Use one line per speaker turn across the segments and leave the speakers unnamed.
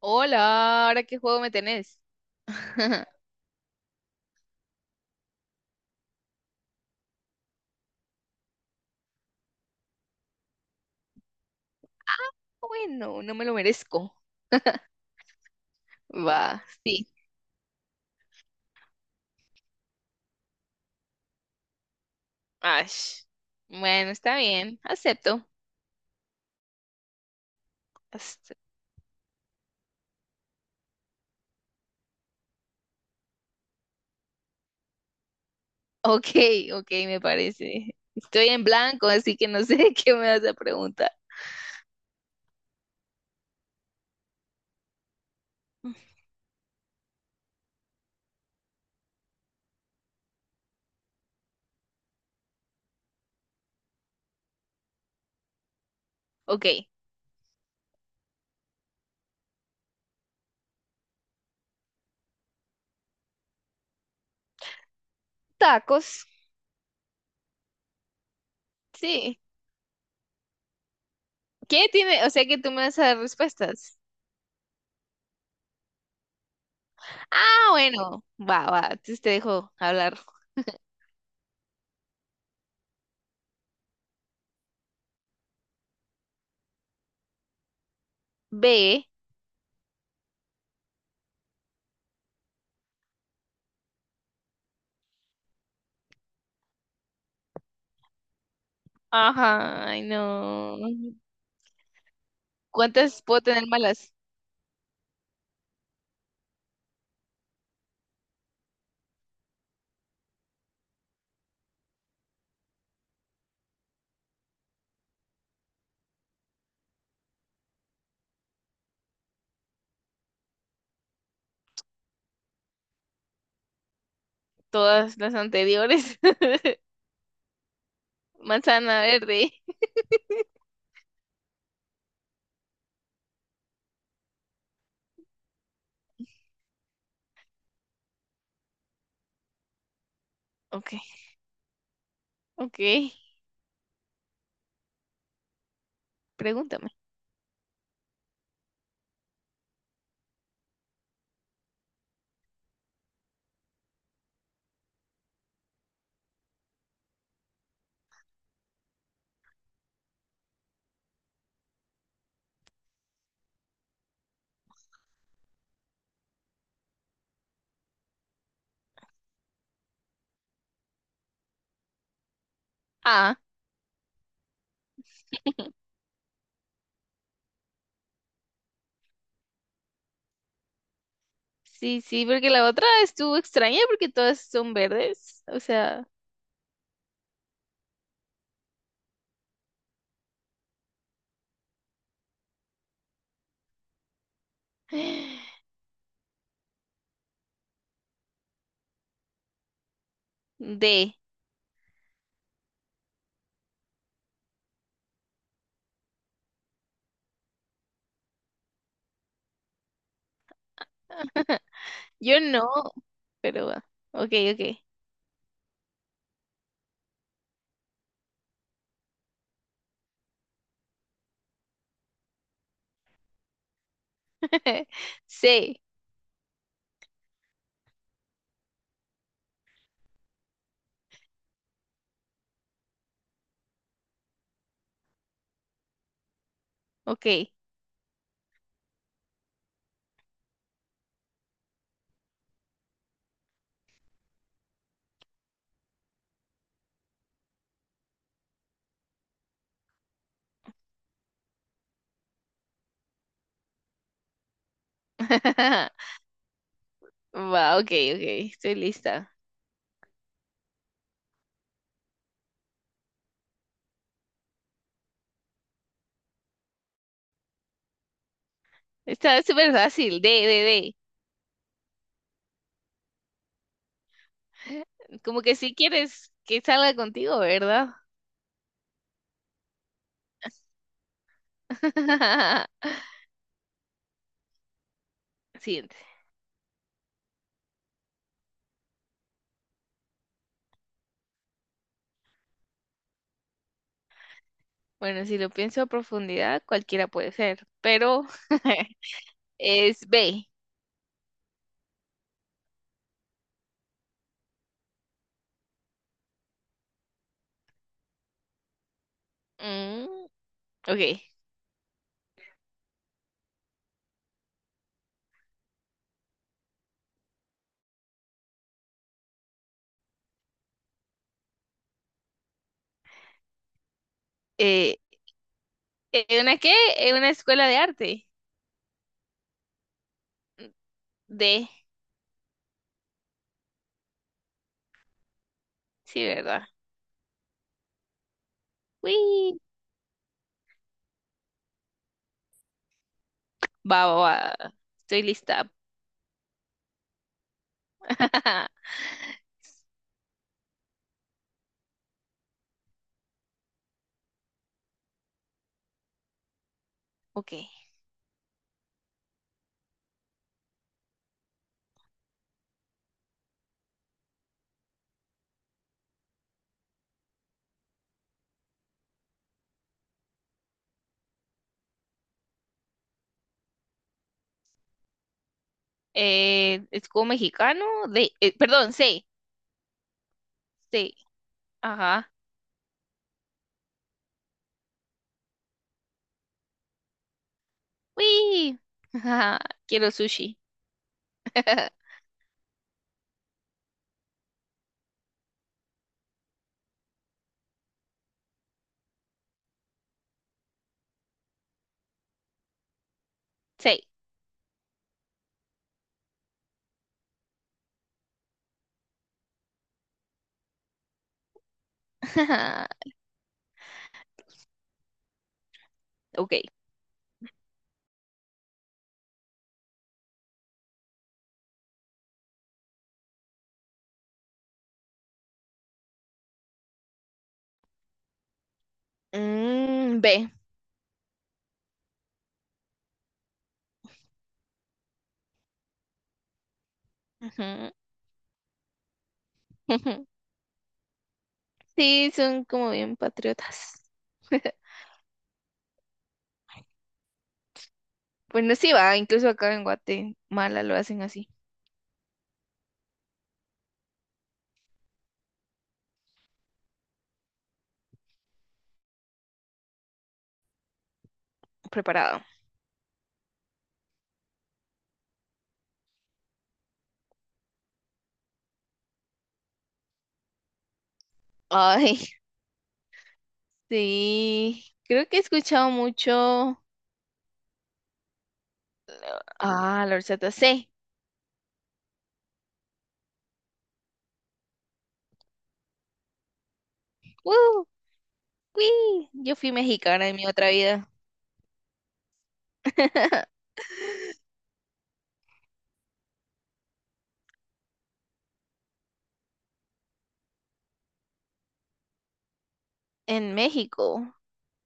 Hola, ¿ahora qué juego me tenés? Bueno, no me lo merezco. Va, sí. Ash. Bueno, está bien, acepto. Ace- Ok, ok, me parece. Estoy en blanco, así que no sé qué me vas a preguntar. Ok, tacos. Sí. ¿Qué tiene? O sea que tú me vas a dar respuestas. Ah, bueno, va, va, entonces te dejo hablar. B. Ajá, ay no. ¿Cuántas puedo tener malas? Todas las anteriores. Manzana verde. Ok, ok. Pregúntame. Ah, sí, sí, porque la otra estuvo extraña porque todas son verdes. O sea, D. Yo no, pero va. Ok, ok. C. Ok. Va, ok, ok. Estoy lista. Está súper fácil. D, D, D. Como que si quieres que salga contigo, ¿verdad? Siguiente. Bueno, si lo pienso a profundidad, cualquiera puede ser, pero es B. Mm, ok. Eh, ¿Una qué? ¿Una escuela de arte? D. Sí, ¿verdad? Uy. Va, va, va. Estoy lista. Ok. Escudo mexicano de, perdón, C, C. Ajá. Uy. Ajá. Quiero sushi. C. Ok. Mm, B. Ujú. Sí, son como bien patriotas. Bueno, sí va, incluso acá en Guatemala lo hacen así, preparado. Ay, sí. Creo que he escuchado mucho. Ah, la horchata sí. ¡Uh! ¡Uy! Yo fui mexicana en mi otra vida. En México.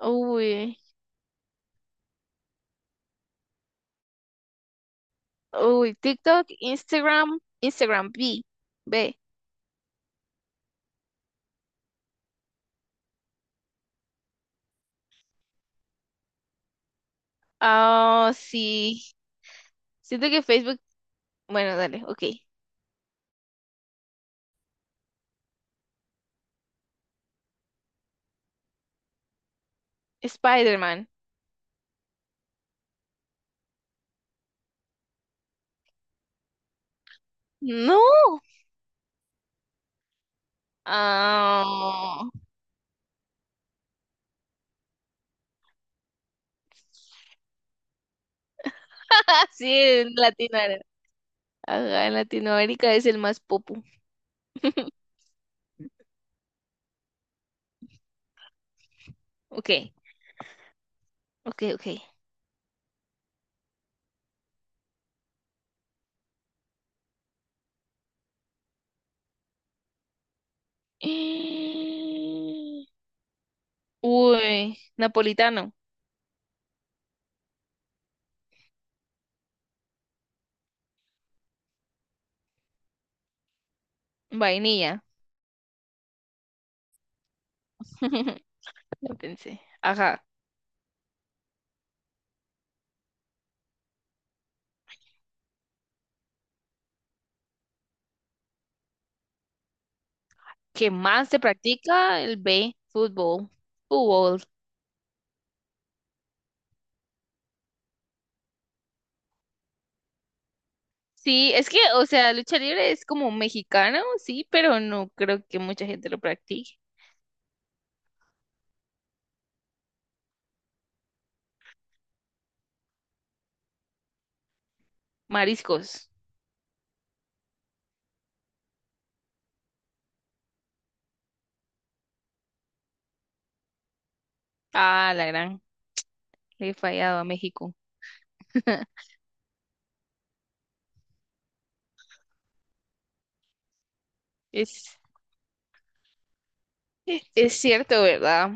Uy. Uy, TikTok, Instagram, Instagram, B. B. Ah, sí. Siento que Facebook. Bueno, dale, ok. Spider-Man. No. Ah, sí, en Latinoamérica. Ajá, en Latinoamérica es el más popu. Ok, ok, ok. Uy, napolitano, vainilla. Lo pensé. Ajá. ¿Qué más se practica? El B, fútbol. Fútbol. Sí, es que, o sea, lucha libre es como mexicano, sí, pero no creo que mucha gente lo practique. Mariscos. Ah, la gran. Le he fallado a México. Es Es cierto, ¿verdad?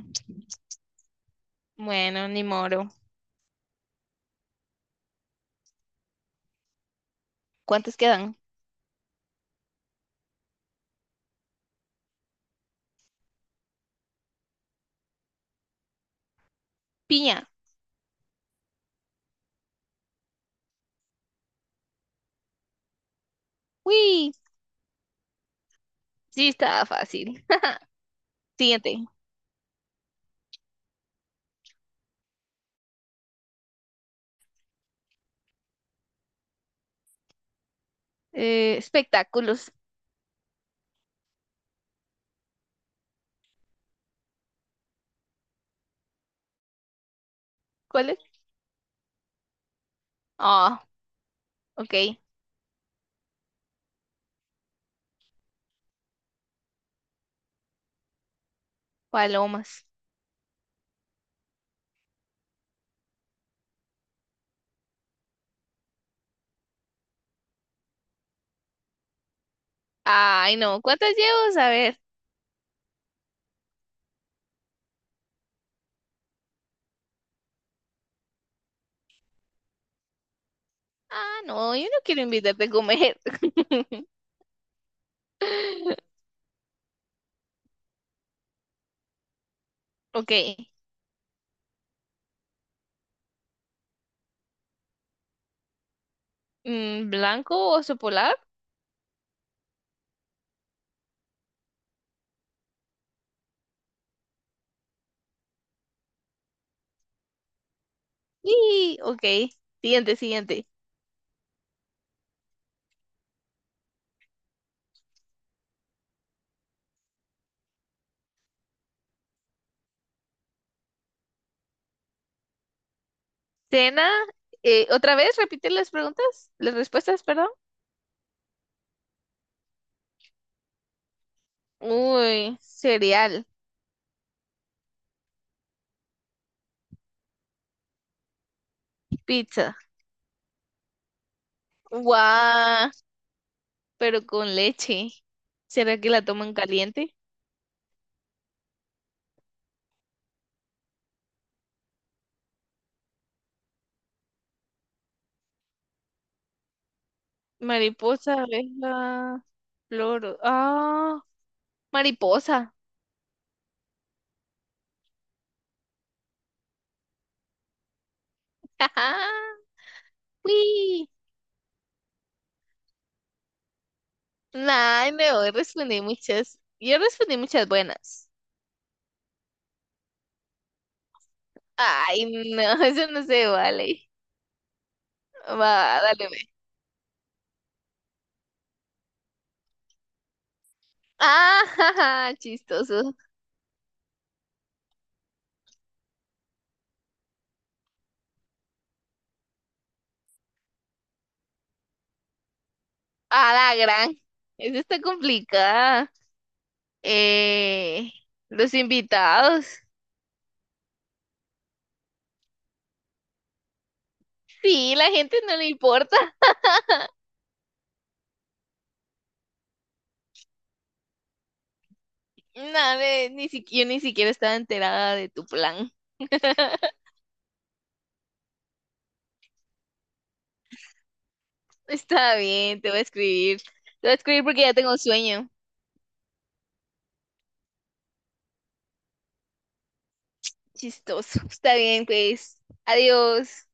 Bueno, ni moro. ¿Cuántos quedan? Piña. Uy, sí, estaba fácil. Siguiente. Espectáculos. ¿Cuáles? Ah, ok. Palomas. Ay, no. ¿Cuántas llevo? A ver. Ah, no, yo no quiero invitarte a comer. Ok. Mm, ¿blanco oso polar? Sí, ok. Siguiente, siguiente. Cena. ¿Otra vez? ¿Repite las preguntas? Las respuestas, perdón. Uy, cereal. Pizza. Guau, pero con leche. ¿Será que la toman caliente? Mariposa, abeja, flor. Ah, mariposa. Ajá. Uy. Ay, no, respondí muchas. Yo respondí muchas buenas. Ay, no, eso no se vale. Va, dale. Ve. Ah, jaja, chistoso. A la gran. Eso está complicada. Eh, los invitados. Sí, la gente no le importa. No, ve, ni siquiera yo ni siquiera estaba enterada de tu plan. Está bien, te voy a escribir. Te voy a escribir porque ya tengo sueño. Chistoso. Está bien, pues. Adiós.